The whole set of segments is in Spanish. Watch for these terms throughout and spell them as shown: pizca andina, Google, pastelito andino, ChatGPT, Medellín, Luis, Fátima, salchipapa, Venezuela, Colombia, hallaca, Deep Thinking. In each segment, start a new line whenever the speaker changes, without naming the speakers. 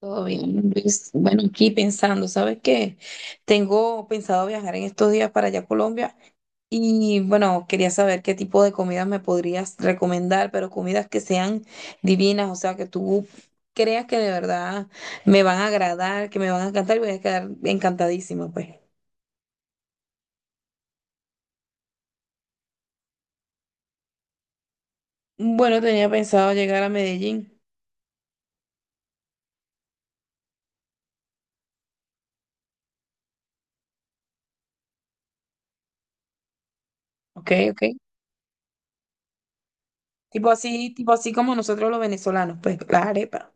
Todo bien, Luis. Bueno, aquí pensando, ¿sabes qué? Tengo pensado viajar en estos días para allá a Colombia y bueno, quería saber qué tipo de comidas me podrías recomendar, pero comidas que sean divinas, o sea, que tú creas que de verdad me van a agradar, que me van a encantar y voy a quedar encantadísima, pues. Bueno, tenía pensado llegar a Medellín. Ok, ok. Tipo así como nosotros los venezolanos, pues, las arepas.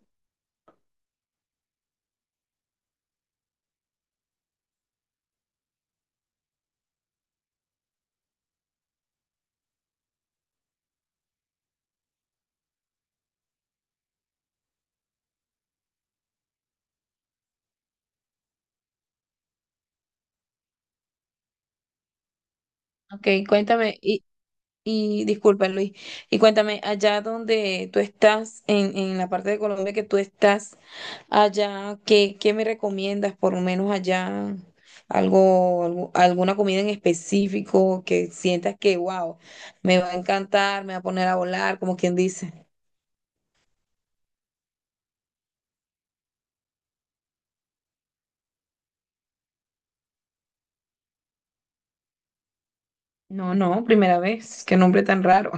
Ok, cuéntame. Y disculpa, Luis. Y cuéntame, allá donde tú estás, en la parte de Colombia que tú estás, allá, ¿qué me recomiendas? Por lo menos allá, alguna comida en específico que sientas que, wow, me va a encantar, me va a poner a volar, como quien dice. No, no, primera vez, qué nombre tan raro.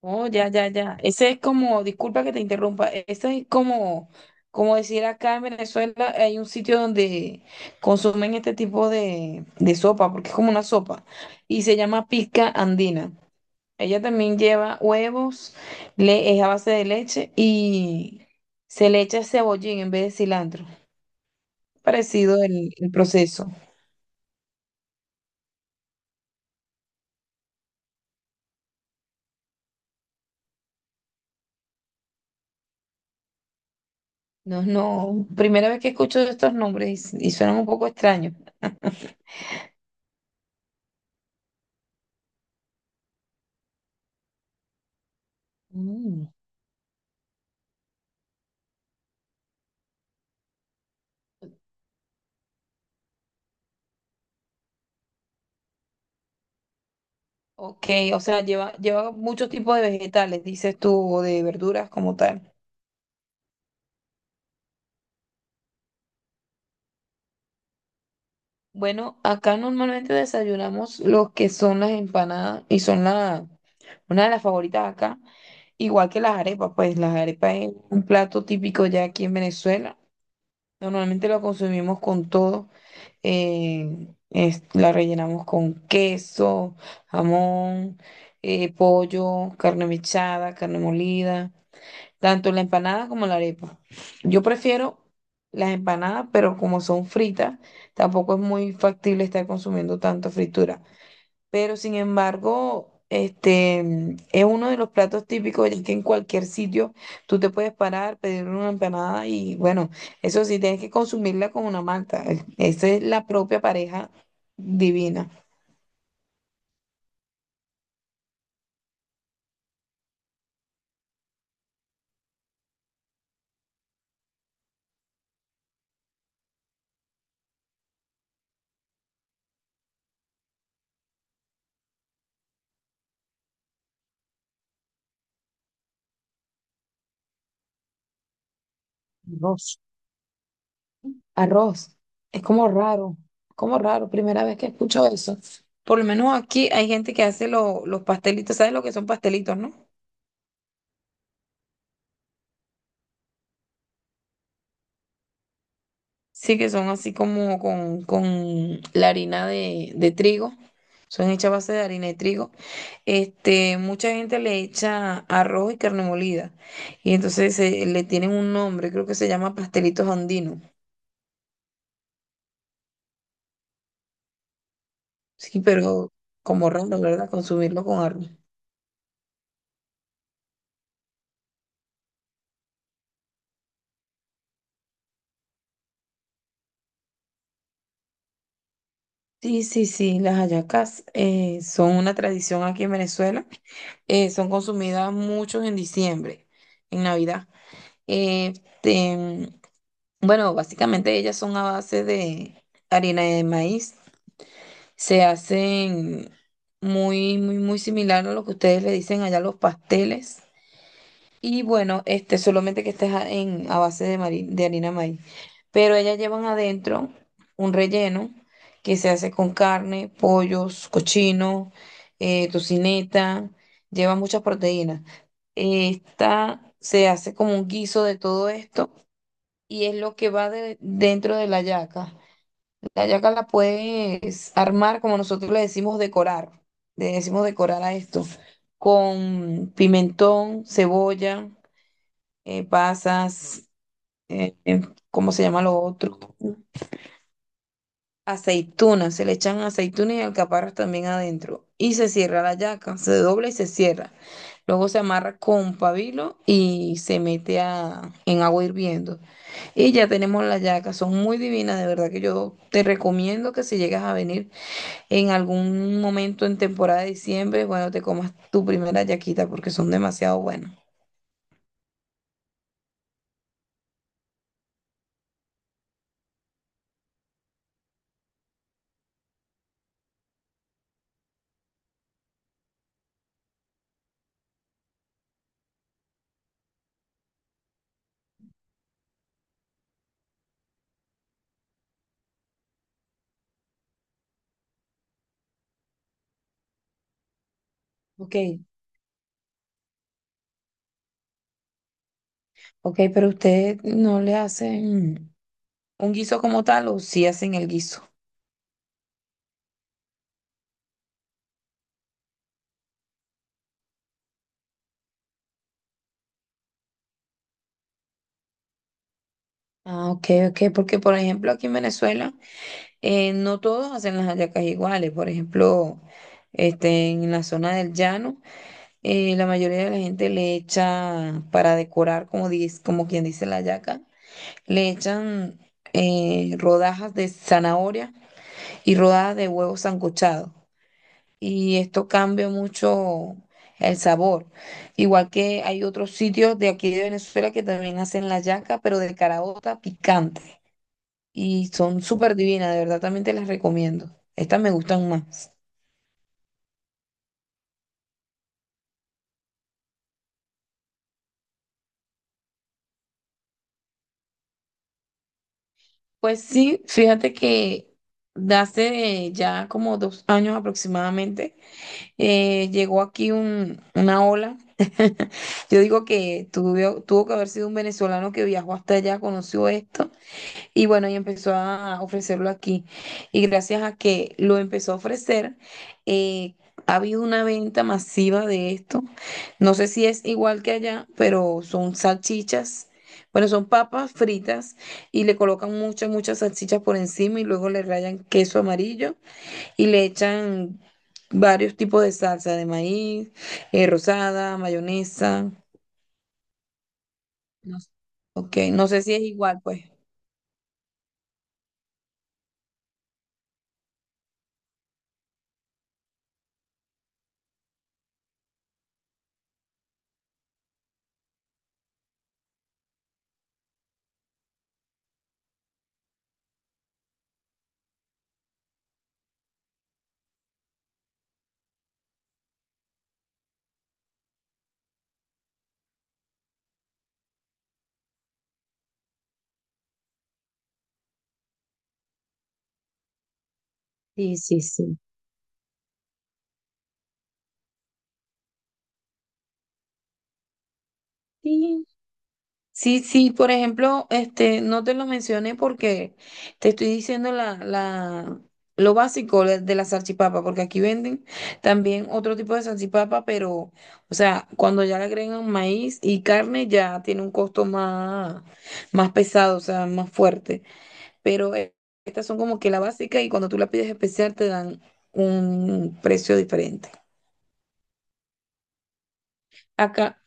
Oh, ya, ya, ya. Ese es como, disculpa que te interrumpa, ese es como, como decir acá en Venezuela hay un sitio donde consumen este tipo de sopa, porque es como una sopa, y se llama pizca andina. Ella también lleva huevos, le, es a base de leche y se le echa cebollín en vez de cilantro. Parecido el proceso. No, no, primera vez que escucho estos nombres y suenan un poco extraños. Mm. Ok, o sea, lleva muchos tipos de vegetales, dices tú, o de verduras como tal. Bueno, acá normalmente desayunamos los que son las empanadas y son una de las favoritas acá, igual que las arepas, pues las arepas es un plato típico ya aquí en Venezuela. Normalmente lo consumimos con todo, la rellenamos con queso, jamón, pollo, carne mechada, carne molida. Tanto la empanada como la arepa. Yo prefiero las empanadas, pero como son fritas, tampoco es muy factible estar consumiendo tanta fritura. Pero sin embargo, este es uno de los platos típicos, ya que en cualquier sitio tú te puedes parar, pedir una empanada y bueno, eso sí, tienes que consumirla con una malta. Esa es la propia pareja divina. Dios. Arroz. Es como raro, como raro. Primera vez que escucho eso. Por lo menos aquí hay gente que hace los pastelitos. ¿Sabes lo que son pastelitos, no? Sí, que son así como con la harina de trigo. Son hechas a base de harina de trigo. Este, mucha gente le echa arroz y carne molida. Y entonces le tienen un nombre, creo que se llama pastelitos andinos. Sí, pero como raro, ¿verdad? Consumirlo con arroz. Sí, sí, sí, las hallacas son una tradición aquí en Venezuela. Son consumidas muchos en diciembre, en Navidad. Eh, te- bueno, básicamente ellas son a base de harina de maíz. Se hacen muy, muy, muy similar a lo que ustedes le dicen allá los pasteles. Y bueno, este, solamente que estés a, en, a base de harina maíz. Pero ellas llevan adentro un relleno que se hace con carne, pollos, cochino, tocineta, lleva muchas proteínas. Esta se hace como un guiso de todo esto y es lo que va dentro de la yaca. La yaca la puedes armar, como nosotros le decimos decorar a esto, con pimentón, cebolla pasas, eh, eh, ¿cómo se llama lo otro? Aceitunas, se le echan aceitunas y alcaparras también adentro. Y se cierra la yaca, se dobla y se cierra. Luego se amarra con pabilo y se mete a, en agua hirviendo. Y ya tenemos la yaca, son muy divinas, de verdad que yo te recomiendo que si llegas a venir en algún momento en temporada de diciembre, bueno, te comas tu primera yaquita porque son demasiado buenas. Ok, ok, pero usted no le hace. ¿Un guiso como tal o si hacen el guiso? Ah, ok, ok, porque por ejemplo aquí en Venezuela no todos hacen las hallacas iguales. Por ejemplo, este, en la zona del llano, la mayoría de la gente le echa para decorar, como, dice, como quien dice la hallaca, le echan rodajas de zanahoria y rodajas de huevo sancochado. Y esto cambia mucho el sabor. Igual que hay otros sitios de aquí de Venezuela que también hacen la yaca, pero de caraota picante. Y son súper divinas, de verdad también te las recomiendo. Estas me gustan más. Pues sí, fíjate que de hace ya como 2 años aproximadamente, llegó aquí una ola. Yo digo que tuvo que haber sido un venezolano que viajó hasta allá, conoció esto. Y bueno, y empezó a ofrecerlo aquí. Y gracias a que lo empezó a ofrecer, eh, ha habido una venta masiva de esto. No sé si es igual que allá, pero son salchichas. Bueno, son papas fritas y le colocan muchas, muchas salchichas por encima y luego le rayan queso amarillo y le echan varios tipos de salsa de maíz, rosada, mayonesa. No sé. Ok, no sé si es igual, pues. Sí, sí, sí. Sí, sí, por ejemplo, este, no te lo mencioné porque te estoy diciendo lo básico de la salchipapa, porque aquí venden también otro tipo de salchipapa, pero, o sea, cuando ya le agregan maíz y carne, ya tiene un costo más, más pesado, o sea, más fuerte. Pero estas son como que la básica y cuando tú la pides especial te dan un precio diferente. Acá.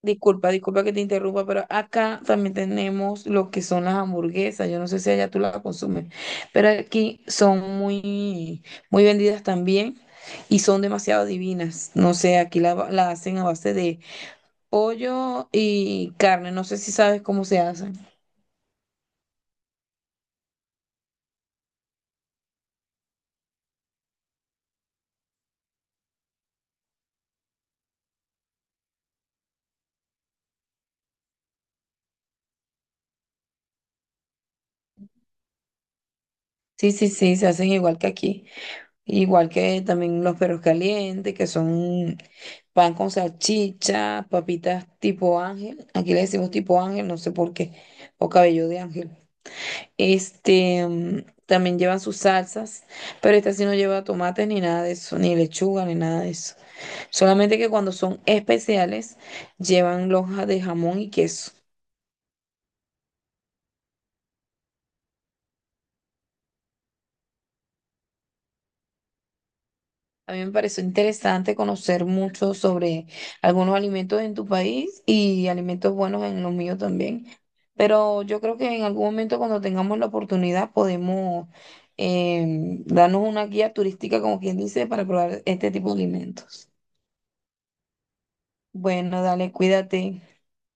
Disculpa, disculpa que te interrumpa, pero acá también tenemos lo que son las hamburguesas. Yo no sé si allá tú las consumes, pero aquí son muy, muy vendidas también y son demasiado divinas. No sé, aquí la hacen a base de pollo y carne. No sé si sabes cómo se hacen. Sí, sí, sí, se hacen igual que aquí. Igual que también los perros calientes, que son pan con salchicha, papitas tipo ángel. Aquí le decimos tipo ángel, no sé por qué. O cabello de ángel. Este, también llevan sus salsas, pero esta sí no lleva tomates ni nada de eso, ni lechuga, ni nada de eso. Solamente que cuando son especiales, llevan lonjas de jamón y queso. A mí me pareció interesante conocer mucho sobre algunos alimentos en tu país y alimentos buenos en los míos también. Pero yo creo que en algún momento cuando tengamos la oportunidad podemos darnos una guía turística, como quien dice, para probar este tipo de alimentos. Bueno, dale, cuídate.